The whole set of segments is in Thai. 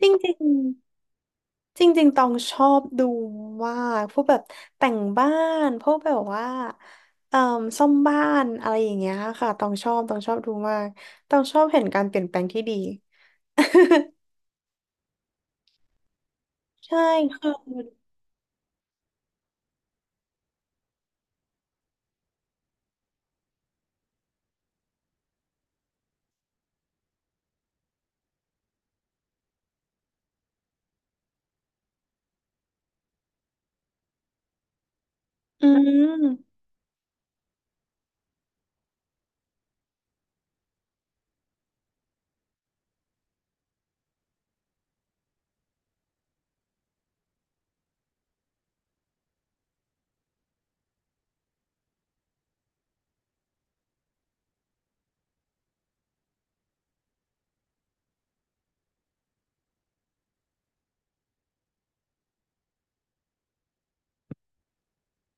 จริงๆจริงๆตองชอบดูมากพวกแบบแต่งบ้านพวกแบบว่าเอ่อซ่อมบ้านอะไรอย่างเงี้ยค่ะตองชอบดูมากต้องชอบเห็นการเปลี่ยนแปลงที่ดี ใช่คืออืม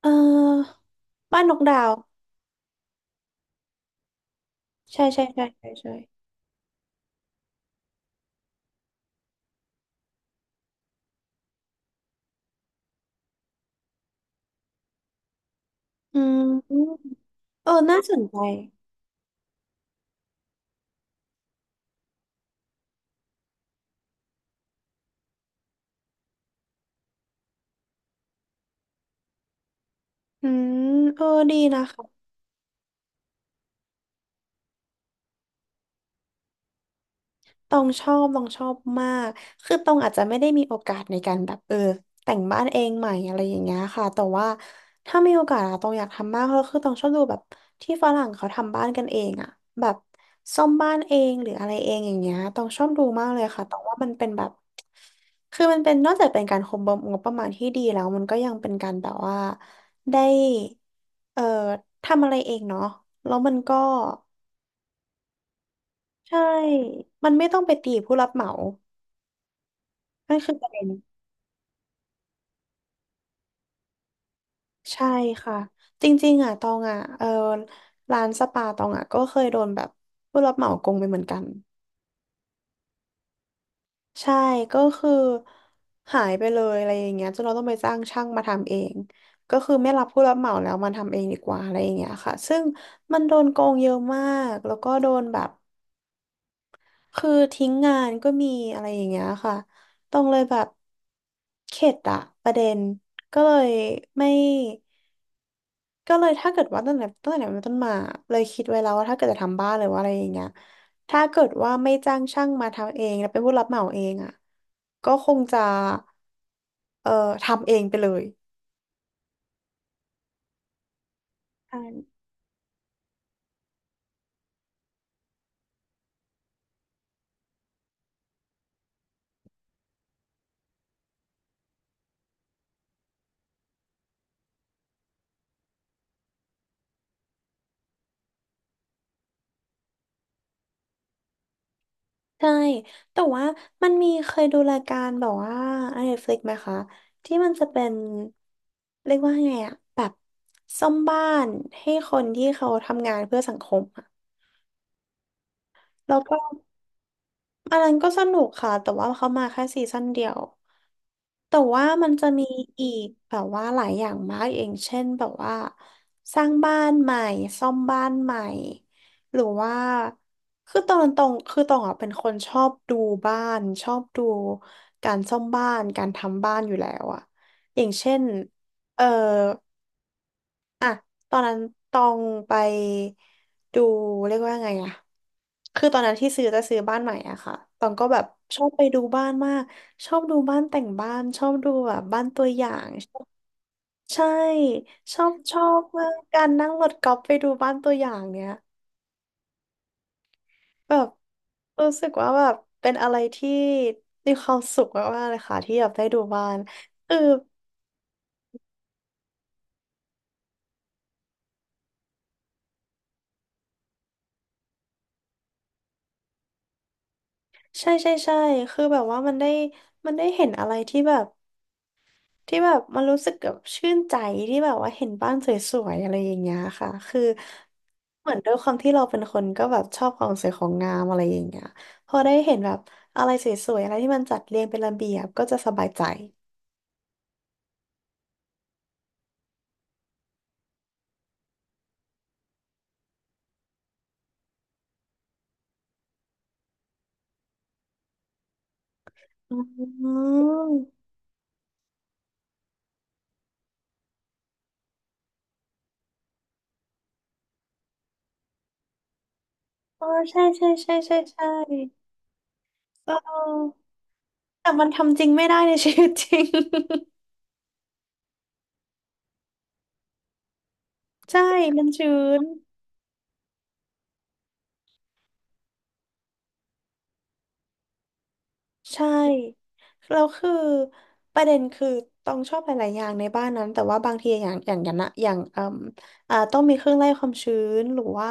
เอ่อบ้านนกดาวใช่ใช่ใช่ใช่ใช่อืมเออน่าสนใจอืมเออดีนะคะ ต้องชอบมาก คือต้องอาจจะไม่ได้มีโอกาสในการแบบเออแต่งบ้านเองใหม่อะไรอย่างเงี้ยค่ะแต่ว่าถ้ามีโอกาสอะต้องอยากทำมากเพราะคือต้องชอบดูแบบที่ฝรั่งเขาทำบ้านกันเองอะแบบซ่อมบ้านเองหรืออะไรเองอย่างเงี้ยต้องชอบดูมากเลยค่ะแต่ว่ามันเป็นแบบคือมันเป็นนอกจากเป็นการคุมงบประมาณที่ดีแล้วมันก็ยังเป็นการแบบว่าได้เอ่อทำอะไรเองเนาะแล้วมันก็ใช่มันไม่ต้องไปตีผู้รับเหมา นั่นคือประเด็นใช่ค่ะจริงๆอ่ะตองอ่ะเออร้านสปาตองอ่ะก็เคยโดนแบบผู้รับเหมาโกงไปเหมือนกันใช่ก็คือหายไปเลยอะไรอย่างเงี้ยจนเราต้องไปจ้างช่างมาทำเองก็คือไม่รับผู้รับเหมาแล้วมาทำเองดีกว่าอะไรอย่างเงี้ยค่ะซึ่งมันโดนโกงเยอะมากแล้วก็โดนแบบคือทิ้งงานก็มีอะไรอย่างเงี้ยค่ะต้องเลยแบบเข็ดอะประเด็นก็เลยไม่ ก็เลยถ้าเกิดว่าตั้งแต่เป็นต้นมาเลยคิดไว้แล้วว่าถ้าเกิดจะทำบ้านหรือว่าอะไรอย่างเงี้ยถ้าเกิดว่าไม่จ้างช่างมาทำเองแล้วเป็นผู้รับเหมาเองอ่ะก็คงจะเอ่อทำเองไปเลยใช่ใช่แต่ว่ามันมีเคยดูรายการแบบว่าไอ n e ฟ f ิ i ไหมคะที่มันจะเป็นเรียกว่าไงอะแบบซ่อมบ้านให้คนที่เขาทำงานเพื่อสังคมอะแล้วก็อันนั้นก็สนุกค่ะแต่ว่าเขามาแค่ซีซั่นเดียว แต่ว่ามันจะมีอีกแบบว่าหลายอย่างมากอย่างเช่นแบบว่าสร้างบ้านใหม่ซ่อมบ้านใหม่หรือว่าคือตอนตรงคือตรงอ่ะเป็นคนชอบดูบ้านชอบดูการซ่อมบ้านการทำบ้านอยู่แล้วอ่ะอย่างเช่นเออ อ่ะตอนนั้นตองไปดูเรียกว่าไงอะคือตอนนั้นที่จะซื้อบ้านใหม่อะค่ะ ตองก็แบบชอบไปดูบ้านมาก ชอบดูบ้านแต่งบ้านชอบดูแบบบ้านตัวอย่าง ใช่ชอบชอบมากการนั่งรถกอล์ฟไปดูบ้านตัวอย่างเนี้ยแบบรู้สึกว่าแบบเป็นอะไรที่มีความสุขมากๆเลยค่ะที่แบบได้ดูบ้านคือใช่ใช่ใช่คือแบบว่ามันได้มันได้เห็นอะไรที่แบบ ที่แบบมันรู้สึกแบบชื่นใจที่แบบว่าเห็นบ้านสวยๆอะไรอย่างเงี้ยค่ะคือเหมือนด้วยความที่เราเป็นคนก็แบบชอบความสวยของงามอะไรอย่างเงี้ยพอได้เห็นแบบอะไรสวยๆอะไรที่มันจัดเรียงเป็นระเบียบก็จะสบายใจอืมอ๋อใช่ใช่ใช่ใช่ใช่เออแต่มันทำจริงไม่ได้ในชีวิตจริง ใช่มันชื้น ใช่แล้วคือประเด็นคือต้องชอบหลายๆอย่างในบ้านนั้นแต่ว่าบางทีอย่างนะอย่างเอ่มอ่าต้องมีเครื่องไล่ความชื้นหรือว่า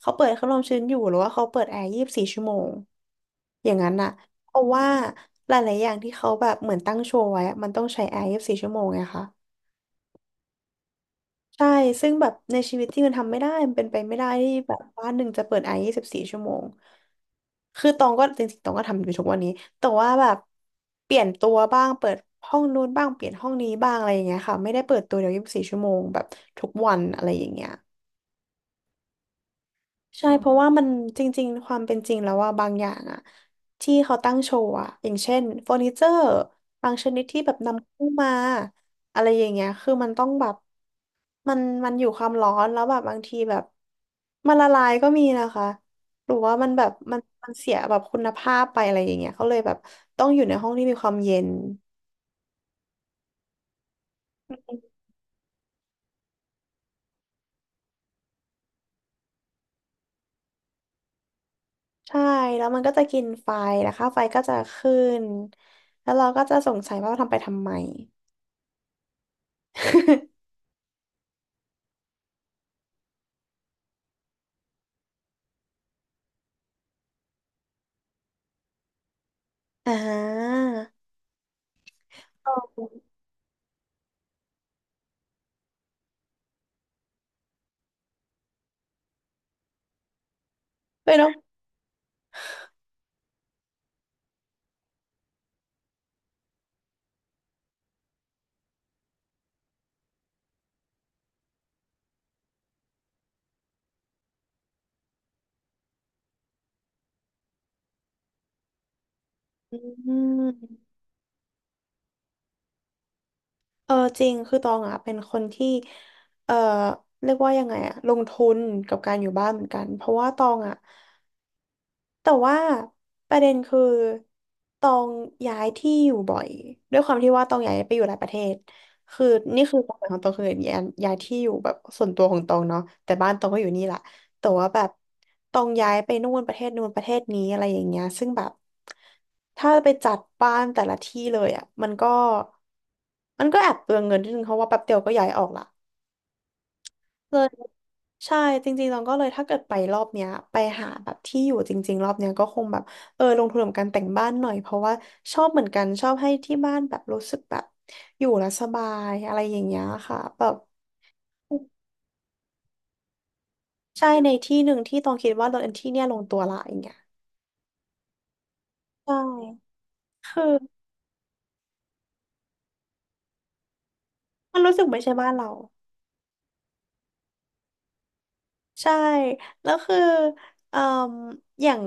เขาเปิดเครื่องไล่ความชื้นอยู่หรือว่าเขาเปิดแอร์ยี่สิบสี่ชั่วโมงอย่างนั้นน่ะเพราะว่าหลายๆอย่างที่เขาแบบเหมือนตั้งโชว์ไว้อะมันต้องใช้แอร์ยี่สิบสี่ชั่วโมงไงคะ ใช่ ซึ่งแบบในชีวิตที่มันทำไม่ได้มันเป็นไปไม่ได้ที่แบบบ้านหนึ่งจะเปิดไอยี่สิบสี่ชั่วโมง คือตองก็จริงๆตองก็ทำอยู่ทุกวันนี้แต่ว่าแบบเปลี่ยนตัวบ้าง เปิดห้องนู้นบ้าง เปลี่ยนห้องนี้บ้างอะไรอย่างเงี้ยค่ะไม่ได้เปิดตัวเดียวยี่สิบสี่ชั่วโมงแบบทุกวันอะไรอย่างเงี้ย ใช่เพราะว่ามันจริงๆความเป็นจริงแล้วว่าบางอย่างอะที่เขาตั้งโชว์อะอย่างเช่นเฟอร์นิเจอร์บางชนิดที่แบบนำเข้ามาอะไรอย่างเงี้ยคือมันต้องแบบมันอยู่ความร้อนแล้วแบบบางทีแบบมันละลายก็มีนะคะหรือว่ามันแบบมันเสียแบบคุณภาพไปอะไรอย่างเงี้ยเขาเลยแบบต้องอยู่ในห้องที่มีความเย็นใช่แล้วมันก็จะกินไฟนะคะไฟก็จะขึ้นแล้วเราก็จะสงสัยว่าทำไปทำไม อ่าเลยเนาะอืมจริงคือตองอ่ะเป็นคนที่เออเรียกว่ายังไงอ่ะลงทุนกับการอยู่บ้านเหมือนกันเพราะว่าตองอ่ะ แต่ว่าประเด็นคือตองย้ายที่อยู่บ่อยด้วยความที่ว่าตองย้ายไปอยู่หลายประเทศคือนี่คือความหมายของตองคือย้ายที่อยู่แบบส่วนตัวของตองเนาะแต่บ้านตองก็อยู่นี่แหละแต่ว่าแบบตองย้ายไปนู่นประเทศนู่นประเทศนี้อะไรอย่างเงี้ยซึ่งแบบถ้าไปจัดบ้านแต่ละที่เลยอ่ะมันก็แอบเปลืองเงินนิดนึงเพราะว่าแป๊บเดียวก็ย้ายออกละ เลยใช่จริงๆเราก็เลยถ้าเกิดไปรอบเนี้ยไปหาแบบที่อยู่จริงๆรอบเนี้ยก็คงแบบลงทุนกับการแต่งบ้านหน่อยเพราะว่าชอบเหมือนกันชอบให้ที่บ้านแบบรู้สึกแบบอยู่แล้วสบายอะไรอย่างเงี้ยค่ะแบบใช่ในที่หนึ่งที่ต้องคิดว่าเราเอนที่เนี่ยลงตัวละอย่างเงี้ยใช่คือมันรู้สึกไม่ใช่บ้านเรา ใช่แล้วคือเอ่มอย่าง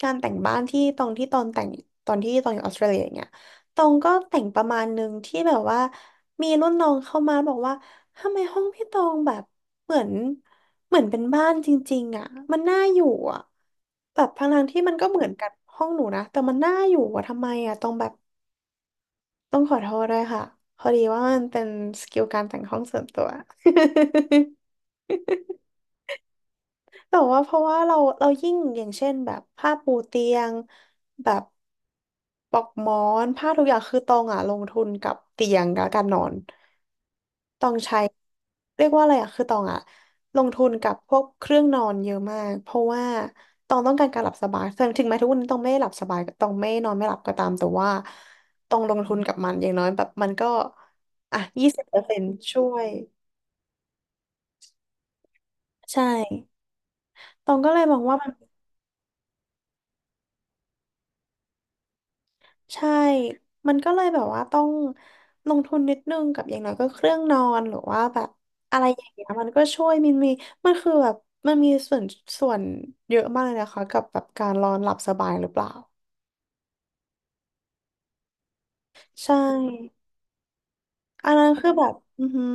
การแต่งบ้านที่ตรงที่ตอนแต่งตอนที่ตอนอยู่ออสเตรเลียอย่างเงี้ยตรงก็แต่งประมาณหนึ่งที่แบบว่ามีรุ่นน้องเข้ามาบอกว่าทำไมห้องพี่ตองแบบเหมือนเหมือนเป็นบ้านจริงๆอ่ะมันน่าอยู่อ่ะแบบทั้งๆที่มันก็เหมือนกับห้องหนูนะแต่มันน่าอยู่อ่ะทำไมอ่ะตองแบบต้องขอโทษด้วยค่ะพอดีว่ามันเป็นสกิลการแต่งห้องส่วนตัว แต่ว่าเพราะว่าเรายิ่งอย่างเช่นแบบผ้าปูเตียงแบบปลอกหมอนผ้าทุกอย่างคือตองอ่ะลงทุนกับเตียงกับการนอนตองใช้เรียกว่าอะไรอ่ะคือตองอ่ะลงทุนกับพวกเครื่องนอนเยอะมากเพราะว่าตองต้องการการหลับสบายถึงแม้ทุกวันนี้ตองไม่ได้หลับสบายตองไม่นอนไม่หลับก็ตามแต่ว่าตองลงทุนกับมันอย่างน้อยแบบมันก็อ่ะ20%ช่วยใช่ตองก็เลยมองว่ามัน ใช่ มันก็เลยแบบว่าต้องลงทุนนิดนึงกับอย่างน้อยก็เครื่องนอนหรือว่าแบบอะไรอย่างเงี้ยมันก็ช่วยมันมีมันคือแบบมันมีส่วนเยอะมากเลยนะคะกับแบบการนอนหลับสบายหรือเปล่าใช่อันนั้นคือแบบอือหือ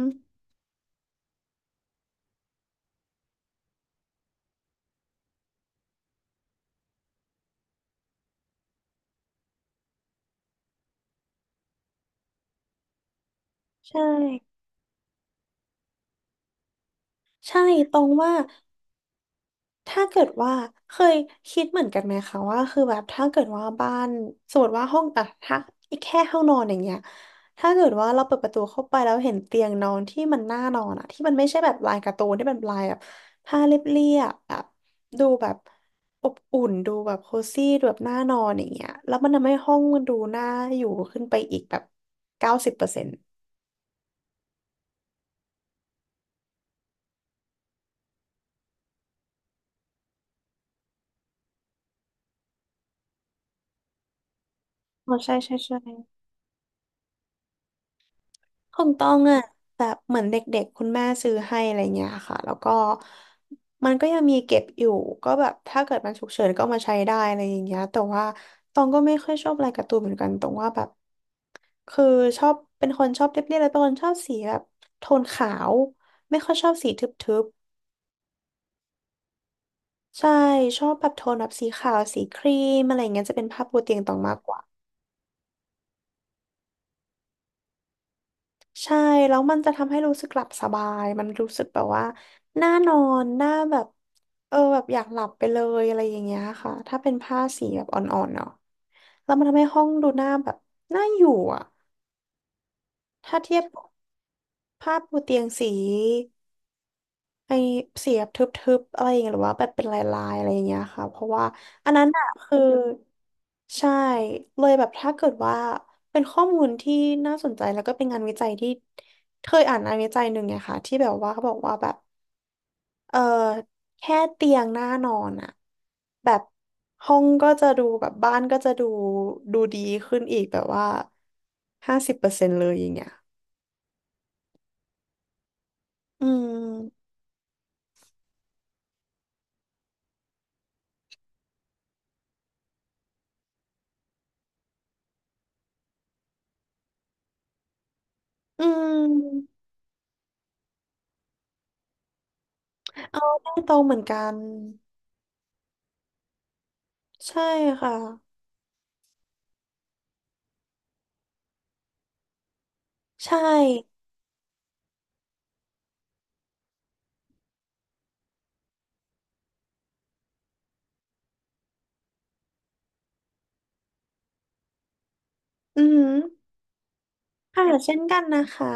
ใช่ใช่ตรงว่า ถ้าเกิดว่าเคยคิดเหมือนกันไหมคะว่าคือแบบถ้าเกิดว่าบ้านสมมติว่าห้องอะถ้าแค่ห้องนอนอย่างเงี้ยถ้าเกิดว่าเราเปิดประตูเข้าไปแล้วเห็นเตียงนอนที่มันน่านอนอะที่มันไม่ใช่แบบลายการ์ตูนที่มันเป็นลายแบบผ้าเรียบๆแบบดูแบบอบอุ่นดูแบบโคซี่ดูแบบน่านอนอย่างเงี้ยแล้วมันทำให้ห้องมันดูน่าอยู่ขึ้นไปอีกแบบ90%อ๋อใช่ใช่ใช่ ของตองอะแบบเหมือนเด็กๆคุณแม่ซื้อให้อะไรเงี้ยค่ะแล้วก็มันก็ยังมีเก็บอยู่ก็แบบถ้าเกิดมันฉุกเฉินก็เอามาใช้ได้อะไรอย่างเงี้ยแต่ว่าตองก็ไม่ค่อยชอบลายการ์ตูนเหมือนกันตรงว่าแบบคือชอบเป็นคนชอบเรียบๆแล้วเป็นคนชอบสีแบบโทนขาวไม่ค่อยชอบสีทึบๆใช่ชอบแบบโทนแบบสีขาวสีครีมอะไรเงี้ยจะเป็นภาพบนเตียงตองมากกว่า ใช่แล้วมันจะทำให้รู้สึกหลับสบายมันรู้สึกแบบว่าน่านอนน่าแบบแบบอยากหลับไปเลยอะไรอย่างเงี้ยค่ะถ้าเป็นผ้าสีแบบอ่อนๆเนาะแล้วมันทำให้ห้องดูหน้าแบบน่าอยู่อ่ะถ้าเทียบกับผ้าปูเตียงสี ไอเสียบบทึบๆอะไรอย่างเงี้ยหรือว่าแบบเป็นลายๆอะไรอย่างเงี้ยค่ะเพราะว่าอันนั้นอะคือใช่เลยแบบถ้าเกิดว่าเป็นข้อมูลที่น่าสนใจแล้วก็เป็นงานวิจัยที่เคยอ่านงานวิจัยหนึ่งไงค่ะที่แบบว่าเขาบอกว่าแบบเออแค่เตียงหน้านอนอะแบบห้องก็จะดูแบบบ้านก็จะดูดูดีขึ้นอีกแบบว่า50%เลยอย่างเงี้ยอืมอืมเอาตด้งโตรงเหมือนกันใช่ค่ะ ใช่ อืมค่ะเช่นกันนะคะ